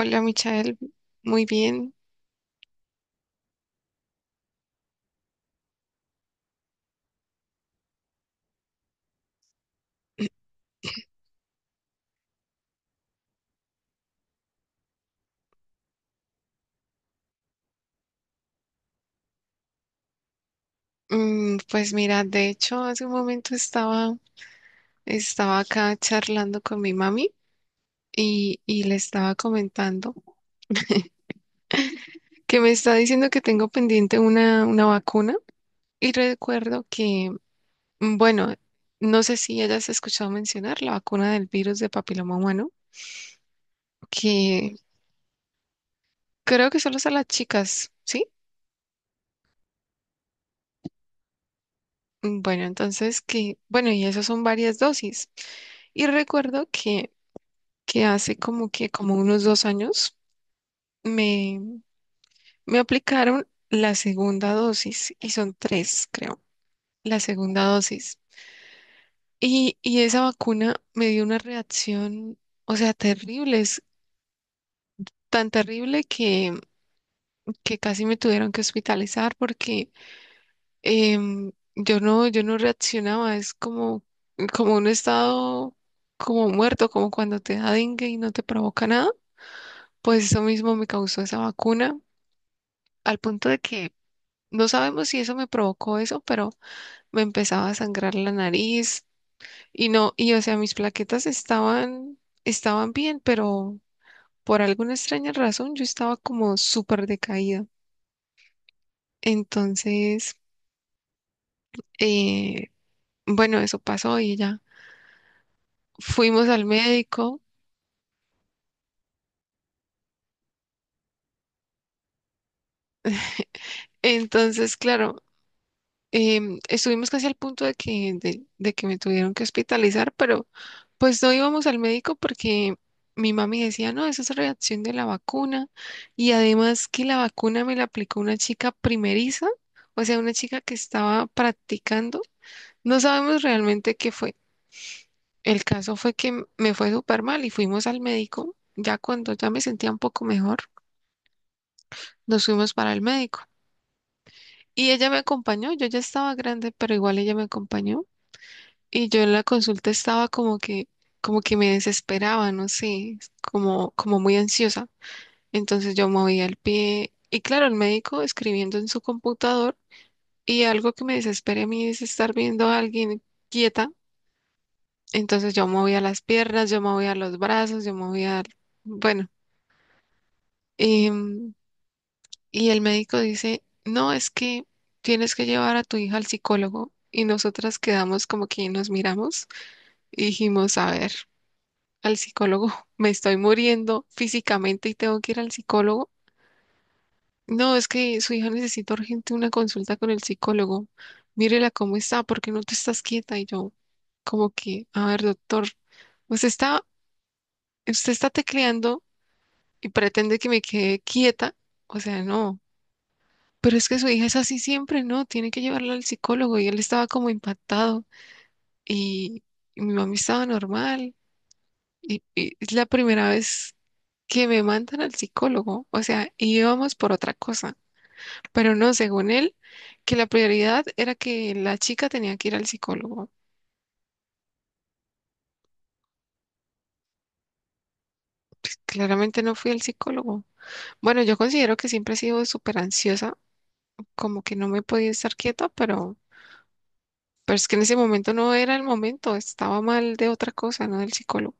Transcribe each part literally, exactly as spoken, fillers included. Hola, Michael. Muy bien. Mm, pues mira, de hecho, hace un momento estaba, estaba acá charlando con mi mami y, y le estaba comentando que me está diciendo que tengo pendiente una, una vacuna y recuerdo que, mm, bueno, no sé si hayas escuchado mencionar la vacuna del virus de papiloma humano, que creo que solo es a las chicas, ¿sí? Mm, Bueno, entonces que, bueno, y eso son varias dosis. Y recuerdo que que hace como que como unos dos años me, me aplicaron la segunda dosis y son tres, creo, la segunda dosis. Y, y esa vacuna me dio una reacción, o sea, terrible, es tan terrible que, que casi me tuvieron que hospitalizar porque em, yo no, yo no reaccionaba, es como, como un estado como muerto, como cuando te da dengue y no te provoca nada. Pues eso mismo me causó esa vacuna, al punto de que no sabemos si eso me provocó eso, pero me empezaba a sangrar la nariz y no, y o sea, mis plaquetas estaban, estaban bien, pero por alguna extraña razón yo estaba como súper decaída. Entonces, eh, bueno, eso pasó y ya fuimos al médico. Entonces, claro, em, estuvimos casi al punto de que, de, de que me tuvieron que hospitalizar, pero pues no íbamos al médico porque mi mami decía, no, esa es reacción de la vacuna. Y además que la vacuna me la aplicó una chica primeriza, o sea, una chica que estaba practicando. No sabemos realmente qué fue. El caso fue que m- me fue súper mal y fuimos al médico. Ya cuando ya me sentía un poco mejor, nos fuimos para el médico. Y ella me acompañó, yo ya estaba grande, pero igual ella me acompañó. Y yo en la consulta estaba como que, como que me desesperaba, no sé, como, como muy ansiosa. Entonces yo movía el pie y claro, el médico escribiendo en su computador y algo que me desespera a mí es estar viendo a alguien quieta. Entonces yo movía las piernas, yo movía los brazos, yo movía, bueno, em, y el médico dice, no, es que tienes que llevar a tu hija al psicólogo. Y nosotras quedamos como que nos miramos y dijimos, a ver, al psicólogo, me estoy muriendo físicamente y tengo que ir al psicólogo. No, es que su hija necesita urgente una consulta con el psicólogo. Mírela cómo está, porque no te estás quieta. Y yo, como que, a ver, doctor, usted está, usted está tecleando y pretende que me quede quieta. O sea, no. Pero es que su hija es así siempre, ¿no? Tiene que llevarla al psicólogo. Y él estaba como impactado. Y, y mi mami estaba normal. Y, y es la primera vez que me mandan al psicólogo. O sea, y íbamos por otra cosa. Pero no, según él, que la prioridad era que la chica tenía que ir al psicólogo. Claramente no fui al psicólogo. Bueno, yo considero que siempre he sido súper ansiosa, como que no me podía estar quieta, pero, pero es que en ese momento no era el momento, estaba mal de otra cosa, no del psicólogo.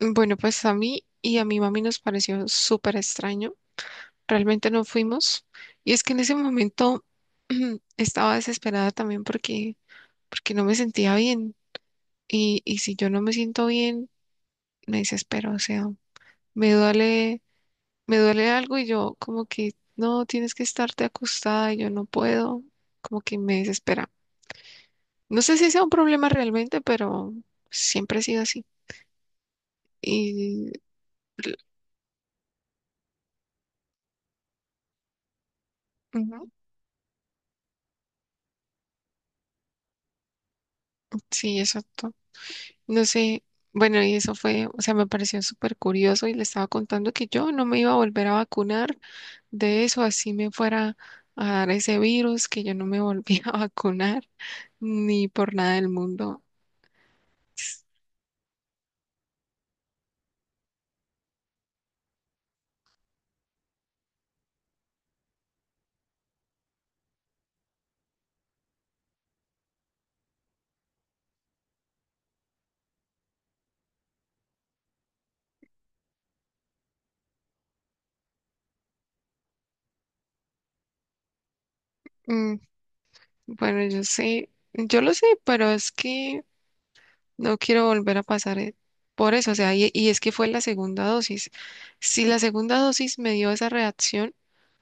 Bueno, pues a mí y a mi mami nos pareció súper extraño. Realmente no fuimos. Y es que en ese momento estaba desesperada también porque, porque no me sentía bien. Y, y si yo no me siento bien me desespero, o sea, me duele, me duele algo y yo como que no, tienes que estarte acostada y yo no puedo, como que me desespera. No sé si sea un problema realmente, pero siempre ha sido así. Y ujú, sí, exacto. No sé, bueno, y eso fue, o sea, me pareció súper curioso y le estaba contando que yo no me iba a volver a vacunar de eso, así me fuera a dar ese virus, que yo no me volvía a vacunar ni por nada del mundo. Bueno, yo sé, yo lo sé, pero es que no quiero volver a pasar eh, por eso, o sea, y, y es que fue la segunda dosis. Si la segunda dosis me dio esa reacción,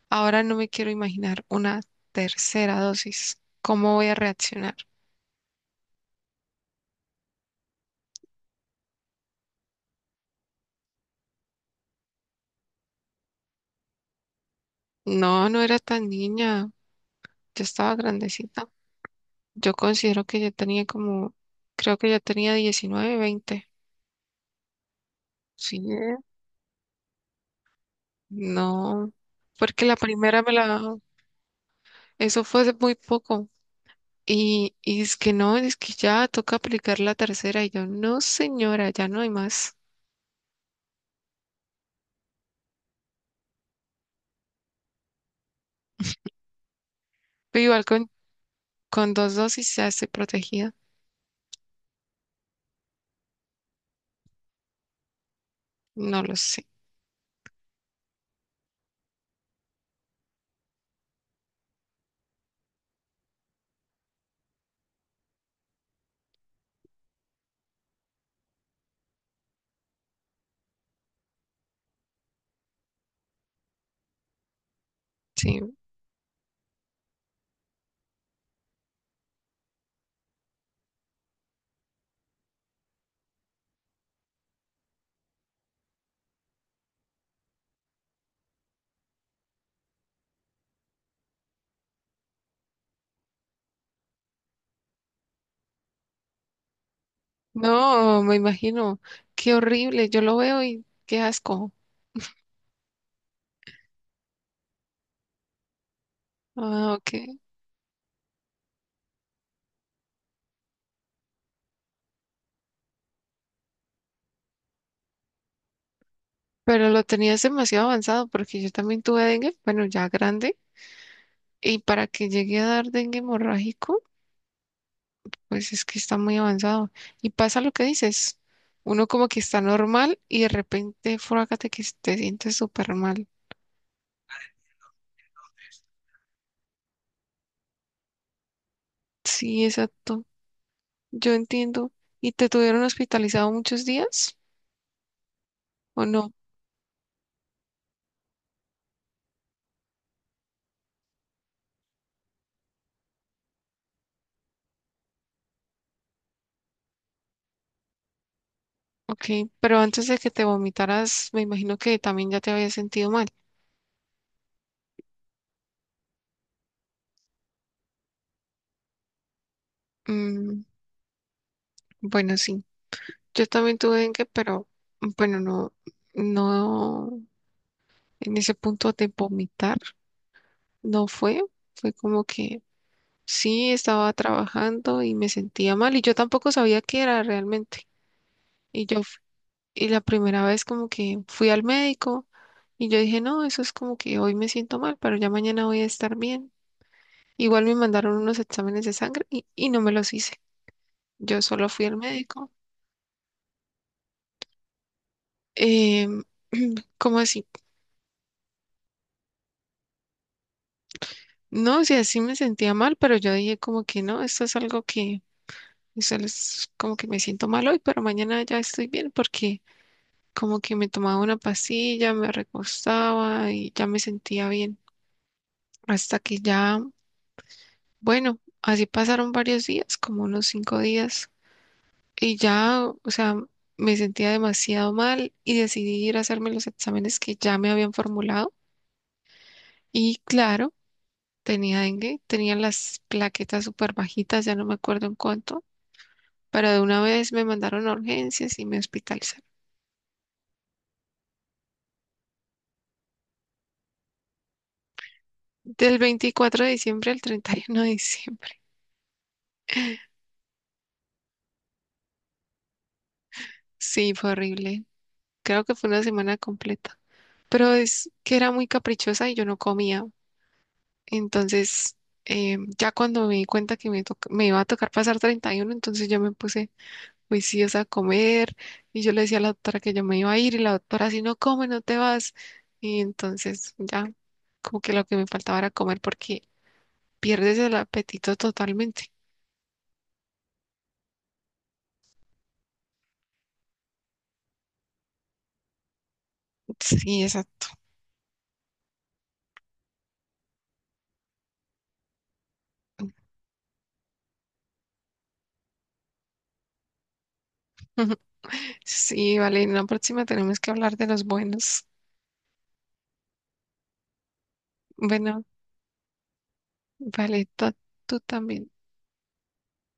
ahora no me quiero imaginar una tercera dosis. ¿Cómo voy a reaccionar? No, no era tan niña, yo estaba grandecita. Yo considero que yo tenía como, creo que yo tenía diecinueve, veinte. Sí, no, porque la primera me la, eso fue hace muy poco. Y, y es que no, es que ya toca aplicar la tercera. Y yo, no, señora, ya no hay más. Pero igual con, con dos dosis ya estoy protegida. No lo sé. Sí. No, me imagino. Qué horrible. Yo lo veo y qué asco. Ah, ok. Pero lo tenías demasiado avanzado porque yo también tuve dengue, bueno, ya grande. Y para que llegue a dar dengue hemorrágico. Pues es que está muy avanzado. Y pasa lo que dices. Uno como que está normal y de repente, frágate que te sientes súper mal. Sí, exacto. Yo entiendo. ¿Y te tuvieron hospitalizado muchos días o no? Ok, pero antes de que te vomitaras, me imagino que también ya te habías sentido mal. Mm, bueno, sí. Yo también tuve dengue, pero bueno, no, no, en ese punto de vomitar no fue. Fue como que sí, estaba trabajando y me sentía mal y yo tampoco sabía qué era realmente. Y yo, f- y la primera vez como que fui al médico y yo dije, no, eso es como que hoy me siento mal, pero ya mañana voy a estar bien. Igual me mandaron unos exámenes de sangre y, y no me los hice. Yo solo fui al médico. Em, ¿Cómo así? No, o sea, sí me sentía mal, pero yo dije como que no, esto es algo que, eso es como que me siento mal hoy, pero mañana ya estoy bien porque como que me tomaba una pastilla, me recostaba y ya me sentía bien. Hasta que ya, bueno, así pasaron varios días, como unos cinco días, y ya, o sea, me sentía demasiado mal y decidí ir a hacerme los exámenes que ya me habían formulado. Y claro, tenía dengue, tenía las plaquetas súper bajitas, ya no me acuerdo en cuánto, pero de una vez me mandaron a urgencias y me hospitalizaron. Del veinticuatro de diciembre al treinta y uno de diciembre. Sí, fue horrible. Creo que fue una semana completa. Pero es que era muy caprichosa y yo no comía. Entonces, eh, ya cuando me di cuenta que me, toc- me iba a tocar pasar treinta y uno, entonces yo me puse juiciosa a comer y yo le decía a la doctora que yo me iba a ir y la doctora, si no come, no te vas. Y entonces ya, como que lo que me faltaba era comer porque pierdes el apetito totalmente. Sí, exacto. Sí, vale, en la próxima tenemos que hablar de los buenos. Bueno, vale, ta- tú también.